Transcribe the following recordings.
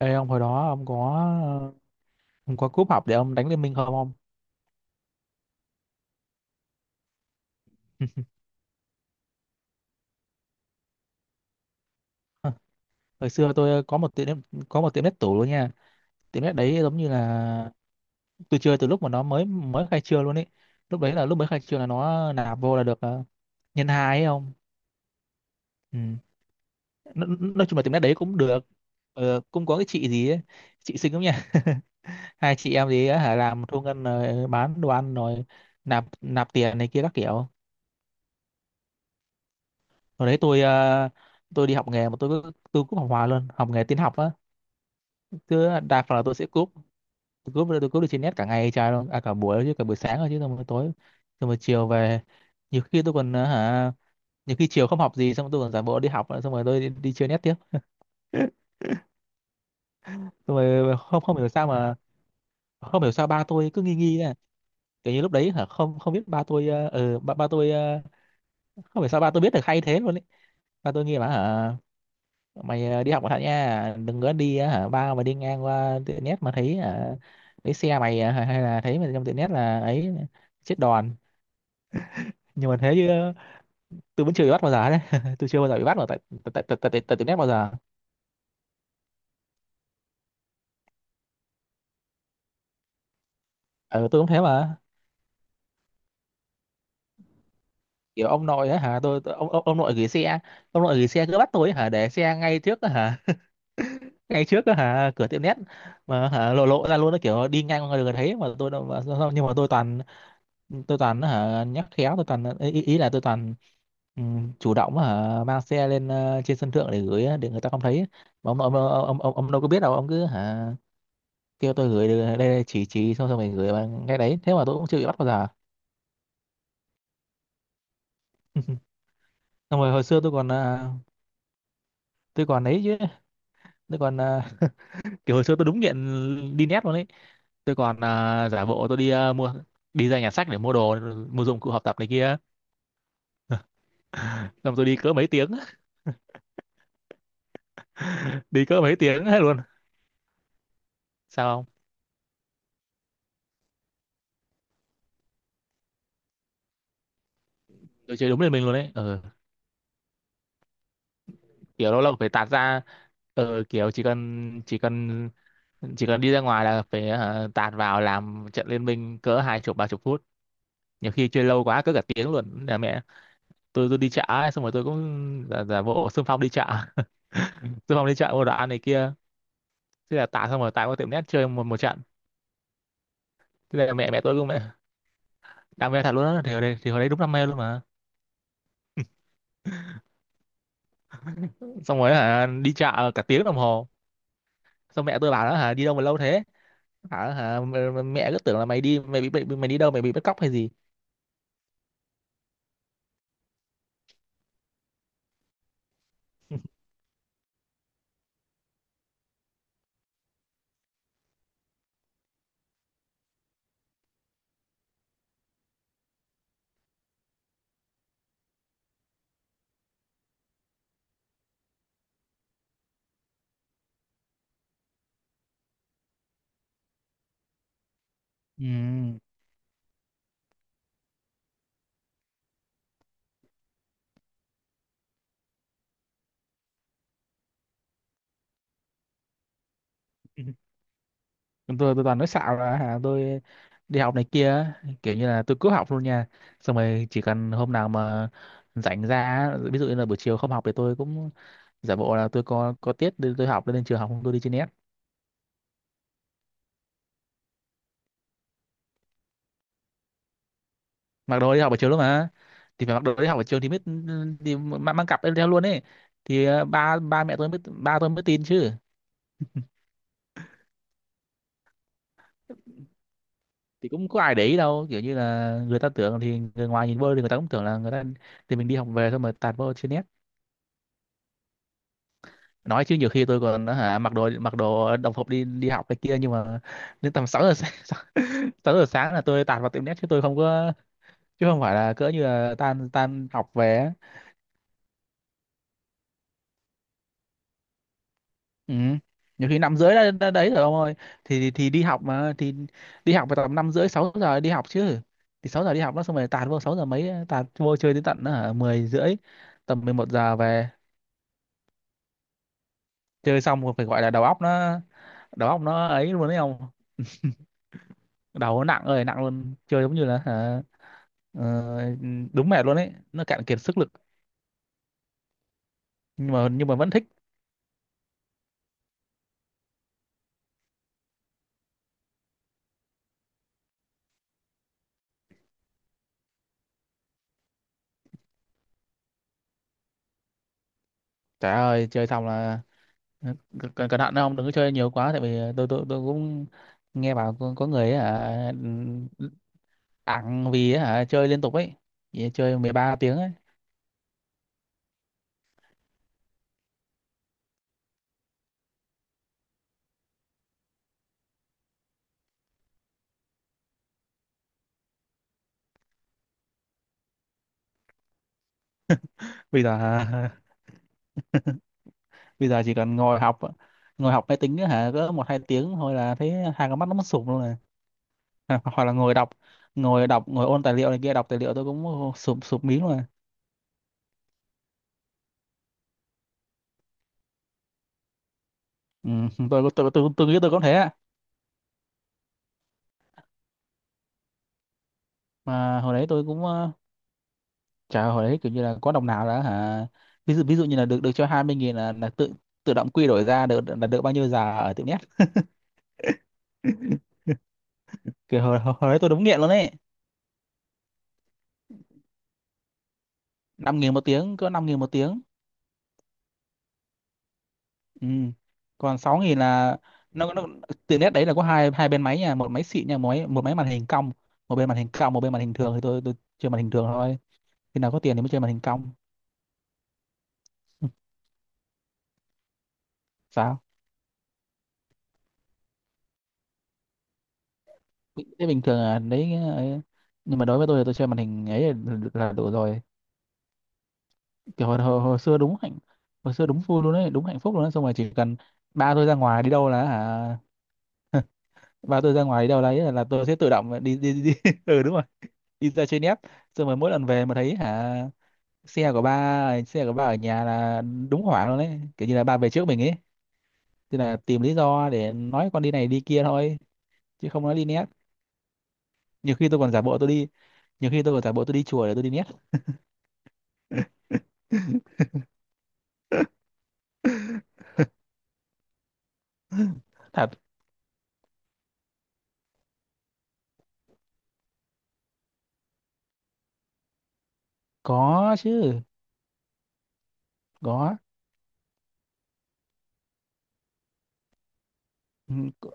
Ê ông hồi đó ông có cúp học để ông đánh Liên Minh không ông? Hồi xưa tôi có một có một tiệm net tủ luôn nha. Tiệm net đấy giống như là tôi chơi từ lúc mà nó mới mới khai trương luôn ấy. Lúc đấy là lúc mới khai trương là nó nạp vô là được nhân hai ấy ông. Ừ. Nói chung là tiệm net đấy cũng được. Ờ, cũng có cái chị gì ấy, chị xinh lắm nha. Hai chị em gì ấy, hả làm thu ngân rồi bán đồ ăn rồi nạp nạp tiền này kia các kiểu. Hồi đấy tôi tôi đi học nghề mà tôi cứ cúp học hoài luôn, học nghề tin học á, cứ đa phần là tôi sẽ cúp, tôi cúp được trên net cả ngày trời luôn à, cả buổi chứ, cả buổi sáng rồi chứ, xong rồi tối, xong rồi chiều về nhiều khi tôi còn ờ, hả nhiều khi chiều không học gì xong rồi tôi còn giả bộ đi học xong rồi tôi đi chơi net tiếp. Xong rồi không không hiểu sao mà không hiểu sao ba tôi cứ nghi nghi nè, kiểu như lúc đấy hả không không biết ba tôi ba tôi không hiểu sao ba tôi biết được hay thế luôn ấy. Ba tôi nghi mà hả mày đi học cẩn thận nha, đừng có đi ờ, hả ba mà đi ngang qua tiệm nét mà thấy thấy xe mày hay hay là thấy mày trong tiệm nét là ấy chết đòn. Nhưng mà thế chứ tôi vẫn chưa bị bắt bao giờ đấy. Tôi chưa bao giờ bị bắt ở tại tại tại tại tại, tại tiệm nét bao giờ. Ừ, tôi cũng thế mà. Kiểu ông nội ấy hả tôi ông nội gửi xe, ông nội gửi xe cứ bắt tôi ấy hả để xe ngay trước ấy hả, ngay trước ấy hả cửa tiệm nét mà hả lộ lộ ra luôn, nó kiểu đi ngang qua người thấy mà tôi đâu mà, nhưng mà tôi toàn, tôi toàn á hả nhắc khéo, tôi toàn ý, ý ý là tôi toàn ừ, chủ động á hả mang xe lên trên sân thượng để gửi á, để người ta không thấy. Mà ông đâu có biết đâu, ông cứ hả kêu tôi gửi đây chỉ xong xong mình gửi vào ngay đấy, thế mà tôi cũng chưa bị bắt bao giờ. Xong rồi hồi xưa tôi còn tôi còn ấy chứ, tôi còn kiểu hồi xưa tôi đúng nghiện đi nét luôn ấy. Tôi còn giả bộ tôi đi à, mua đi ra nhà sách để mua đồ, mua dụng cụ học tập này kia. Xong tôi đi cỡ mấy tiếng. Đi cỡ mấy tiếng hết luôn. Sao không? Tôi chơi đúng lên mình luôn đấy. Ừ. Kiểu lâu lâu phải tạt ra kiểu chỉ cần đi ra ngoài là phải hả, tạt vào làm trận liên minh cỡ hai chục ba chục phút, nhiều khi chơi lâu quá cỡ cả tiếng luôn là mẹ. Tôi đi chợ ấy, xong rồi tôi cũng giả bộ xung phong đi chợ xung phong đi chợ mua đồ ăn này kia, thế là tạt, xong rồi tạt qua tiệm net chơi một một trận. Thế là mẹ mẹ tôi cũng mẹ, đam mê thật luôn á. Thì hồi đấy, thì hồi đấy đúng đam mê luôn mà. Xong rồi hả, đi chợ cả tiếng đồng hồ. Xong mẹ tôi bảo nó hả đi đâu mà lâu thế, hả hả mẹ cứ tưởng là mày đi mày bị mày đi đâu mày bị bắt cóc hay gì. Ừ. Ừ. Tôi toàn nói xạo là hả tôi đi học này kia á, kiểu như là tôi cứ học luôn nha, xong rồi chỉ cần hôm nào mà rảnh ra á, ví dụ như là buổi chiều không học thì tôi cũng giả bộ là tôi có tiết nên tôi học nên trường học, không tôi đi trên net. Mặc đồ đi học buổi chiều luôn mà, thì phải mặc đồ đi học buổi chiều thì mới, thì mang cặp lên theo luôn ấy, thì ba ba mẹ tôi mới, ba tôi mới tin chứ. Thì cũng có ai để ý đâu, kiểu như là người ta tưởng, thì người ngoài nhìn vô thì người ta cũng tưởng là người ta, thì mình đi học về thôi mà tạt vô trên net. Nói chứ nhiều khi tôi còn hả, mặc đồ đồng phục đi đi học này kia nhưng mà đến tầm 6 giờ sáng, 6 giờ sáng là tôi tạt vào tiệm net chứ tôi không có, chứ không phải là cỡ như là tan tan học về á. Ừ. Nhiều khi năm rưỡi đã đấy rồi ông ơi. Thì đi học mà, thì đi học vào tầm năm rưỡi 6 giờ đi học chứ, thì 6 giờ đi học nó, xong rồi tạt vô 6 giờ mấy, tạt vô chơi đến tận hả, 10 rưỡi, tầm 11 giờ về. Chơi xong rồi phải gọi là đầu óc nó, đầu óc nó ấy luôn đấy không, đầu nó nặng ơi nặng luôn, chơi giống như là hả, Ờ, đúng mẹ luôn ấy, nó cạn kiệt sức lực. Nhưng mà vẫn thích. Trời ơi chơi xong là cẩn cẩn thận đấy, không đừng có chơi nhiều quá, tại vì tôi cũng nghe bảo có người ấy, hả ẳng vì ấy, hả chơi liên tục ấy, vì chơi 13 tiếng ấy. Bây giờ hả, bây giờ chỉ cần ngồi học, ngồi học máy tính ấy, hả cỡ một hai tiếng thôi là thấy hai con mắt nó mất sụp luôn rồi. Hoặc hoặc là ngồi đọc, ngồi đọc, ngồi ôn tài liệu này kia, đọc tài liệu tôi cũng sụp sụp mí luôn rồi. Ừ, tôi nghĩ tôi cũng thế. Mà hồi đấy tôi cũng chả hồi đấy kiểu như là có đồng nào đã hả, ví dụ như là được được cho 20 nghìn là tự, tự động quy đổi ra được là được bao nhiêu giờ ở tiệm net. Kiểu hồi, hồi hồi đấy tôi đúng nghiện luôn đấy. Năm nghìn một tiếng, cỡ 5 nghìn một tiếng. Ừ. Còn 6 nghìn là nó, tiệm net đấy là có hai hai bên máy nha, một máy xịn nha, một máy màn hình cong, một bên màn hình cong một bên màn hình thường, thì tôi chơi màn hình thường thôi, khi nào có tiền thì mới chơi màn hình cong. Sao thế? Bình thường là đấy ấy. Nhưng mà đối với tôi thì tôi chơi màn hình ấy là đủ rồi. Kiểu hồi xưa đúng hạnh, hồi xưa đúng vui luôn đấy, đúng hạnh phúc luôn đấy. Xong rồi chỉ cần ba tôi ra ngoài đi đâu là hả, ba tôi ra ngoài đi đâu đấy là tôi sẽ tự động đi đi đi, ừ đúng rồi, đi ra chơi nép, xong rồi mỗi lần về mà thấy hả xe của ba ở nhà là đúng hoảng luôn đấy, kiểu như là ba về trước mình ấy. Thế là tìm lý do để nói con đi này đi kia thôi, chứ không nói đi nét. nhiều khi tôi còn giả bộ tôi đi Nhiều khi tôi còn giả bộ tôi đi chùa để tôi đi nét. Thật, có chứ, có. Ừ, c-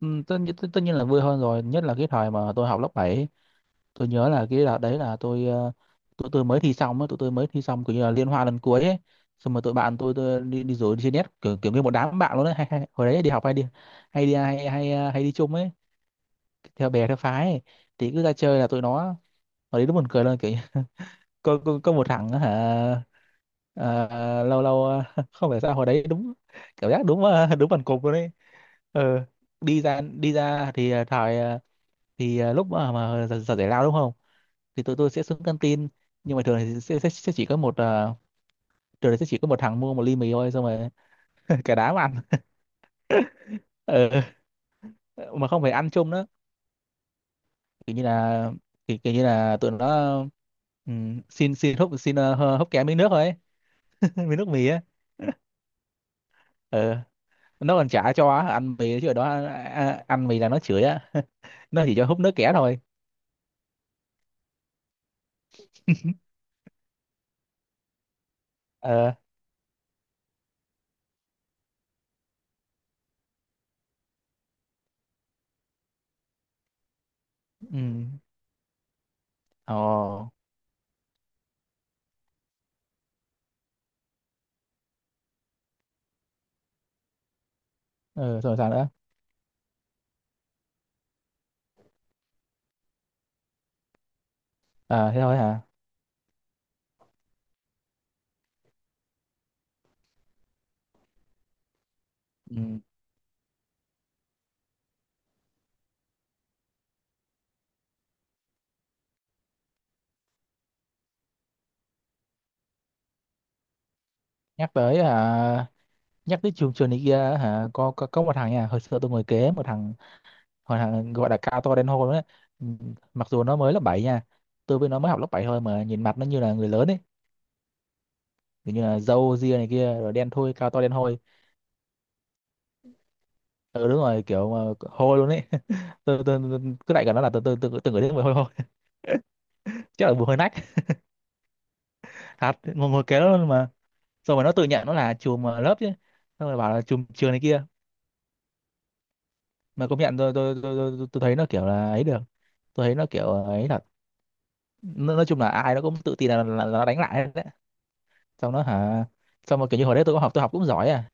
tất nhiên là vui hơn rồi, nhất là cái thời mà tôi học lớp bảy. Tôi nhớ là cái đợt đấy là tôi tụi tôi mới thi xong ấy, tụi tôi mới thi xong kiểu như là liên hoan lần cuối ấy. Xong rồi tụi bạn tôi đi đi rủ đi chơi net kiểu, kiểu như một đám bạn luôn đấy, hay, hay, hồi đấy đi học hay đi hay đi hay hay, ờ, hay đi chung ấy, theo bè theo phái ấy. Thì cứ ra chơi là tụi nó, hồi đấy nó buồn cười luôn kiểu như- có một thằng á hả ờ, lâu lâu không phải sao hồi đấy đúng cảm giác đúng đúng bằng cục luôn đấy, ờ đi ra, đi ra thì ờ, thải ờ, thì ờ, lúc mà giờ giải lao đúng không, thì tụi tôi sẽ xuống căng tin, nhưng mà thường thì sẽ chỉ có một thường thì sẽ chỉ có một thằng mua một ly mì thôi, xong rồi cả đám ăn. Ờ mà không phải ăn chung nữa, kiểu như là kiểu như là tụi nó xin xin húp xin ờ, hơ- húp kém miếng nước thôi ấy. Miếng nước mì á. Ờ, nó còn trả cho á, ăn mì chứ ở đó ăn, ăn ăn mì là nó chửi á. Nó chỉ cho húp nước kẻ thôi. Ờ. Ừ. Ồ. Ờ rồi sao nữa? Ờ thế thôi hả? Ừ. Nhắc tới hả? Nhắc tới trường trường này kia hả? Có một thằng nha, hồi xưa tôi ngồi kế một thằng, hồi thằng gọi là cao to đen hôi đấy. Ừ, mặc dù nó mới lớp 7 nha, tôi với nó mới học lớp 7 thôi mà nhìn mặt nó như là người lớn ấy, kiểu như là râu ria này kia rồi đen thui, cao to đen hôi. Ừ đúng rồi, kiểu mà hôi luôn ấy. Tôi cứ đại cả nó là tôi từng người thấy mùi hôi hôi. Chắc là mùi hơi nách. Thật, ngồi ngồi kế nó luôn mà. Xong rồi nó tự nhận nó là chùm lớp chứ. Xong rồi bảo là chùm trường này kia. Mà công nhận tôi thấy nó kiểu là ấy được, tôi thấy nó kiểu ấy thật. Nói chung là ai nó cũng tự tin là nó đánh lại hết đấy. Xong nó hả, xong mà kiểu như hồi đấy tôi học cũng giỏi à,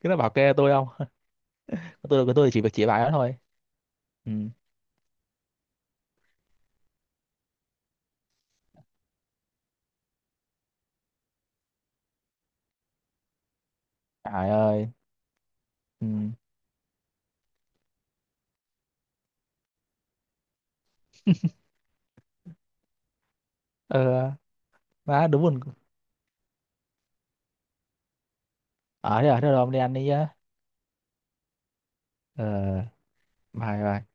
cứ nó bảo kê tôi không. Tôi chỉ việc chỉ bài đó thôi. Ừ. Trời ơi. Ừ. Ờ má đúng buồn, ở đây, ở đây rồi đi ăn đi nhá. Ờ, bye bye.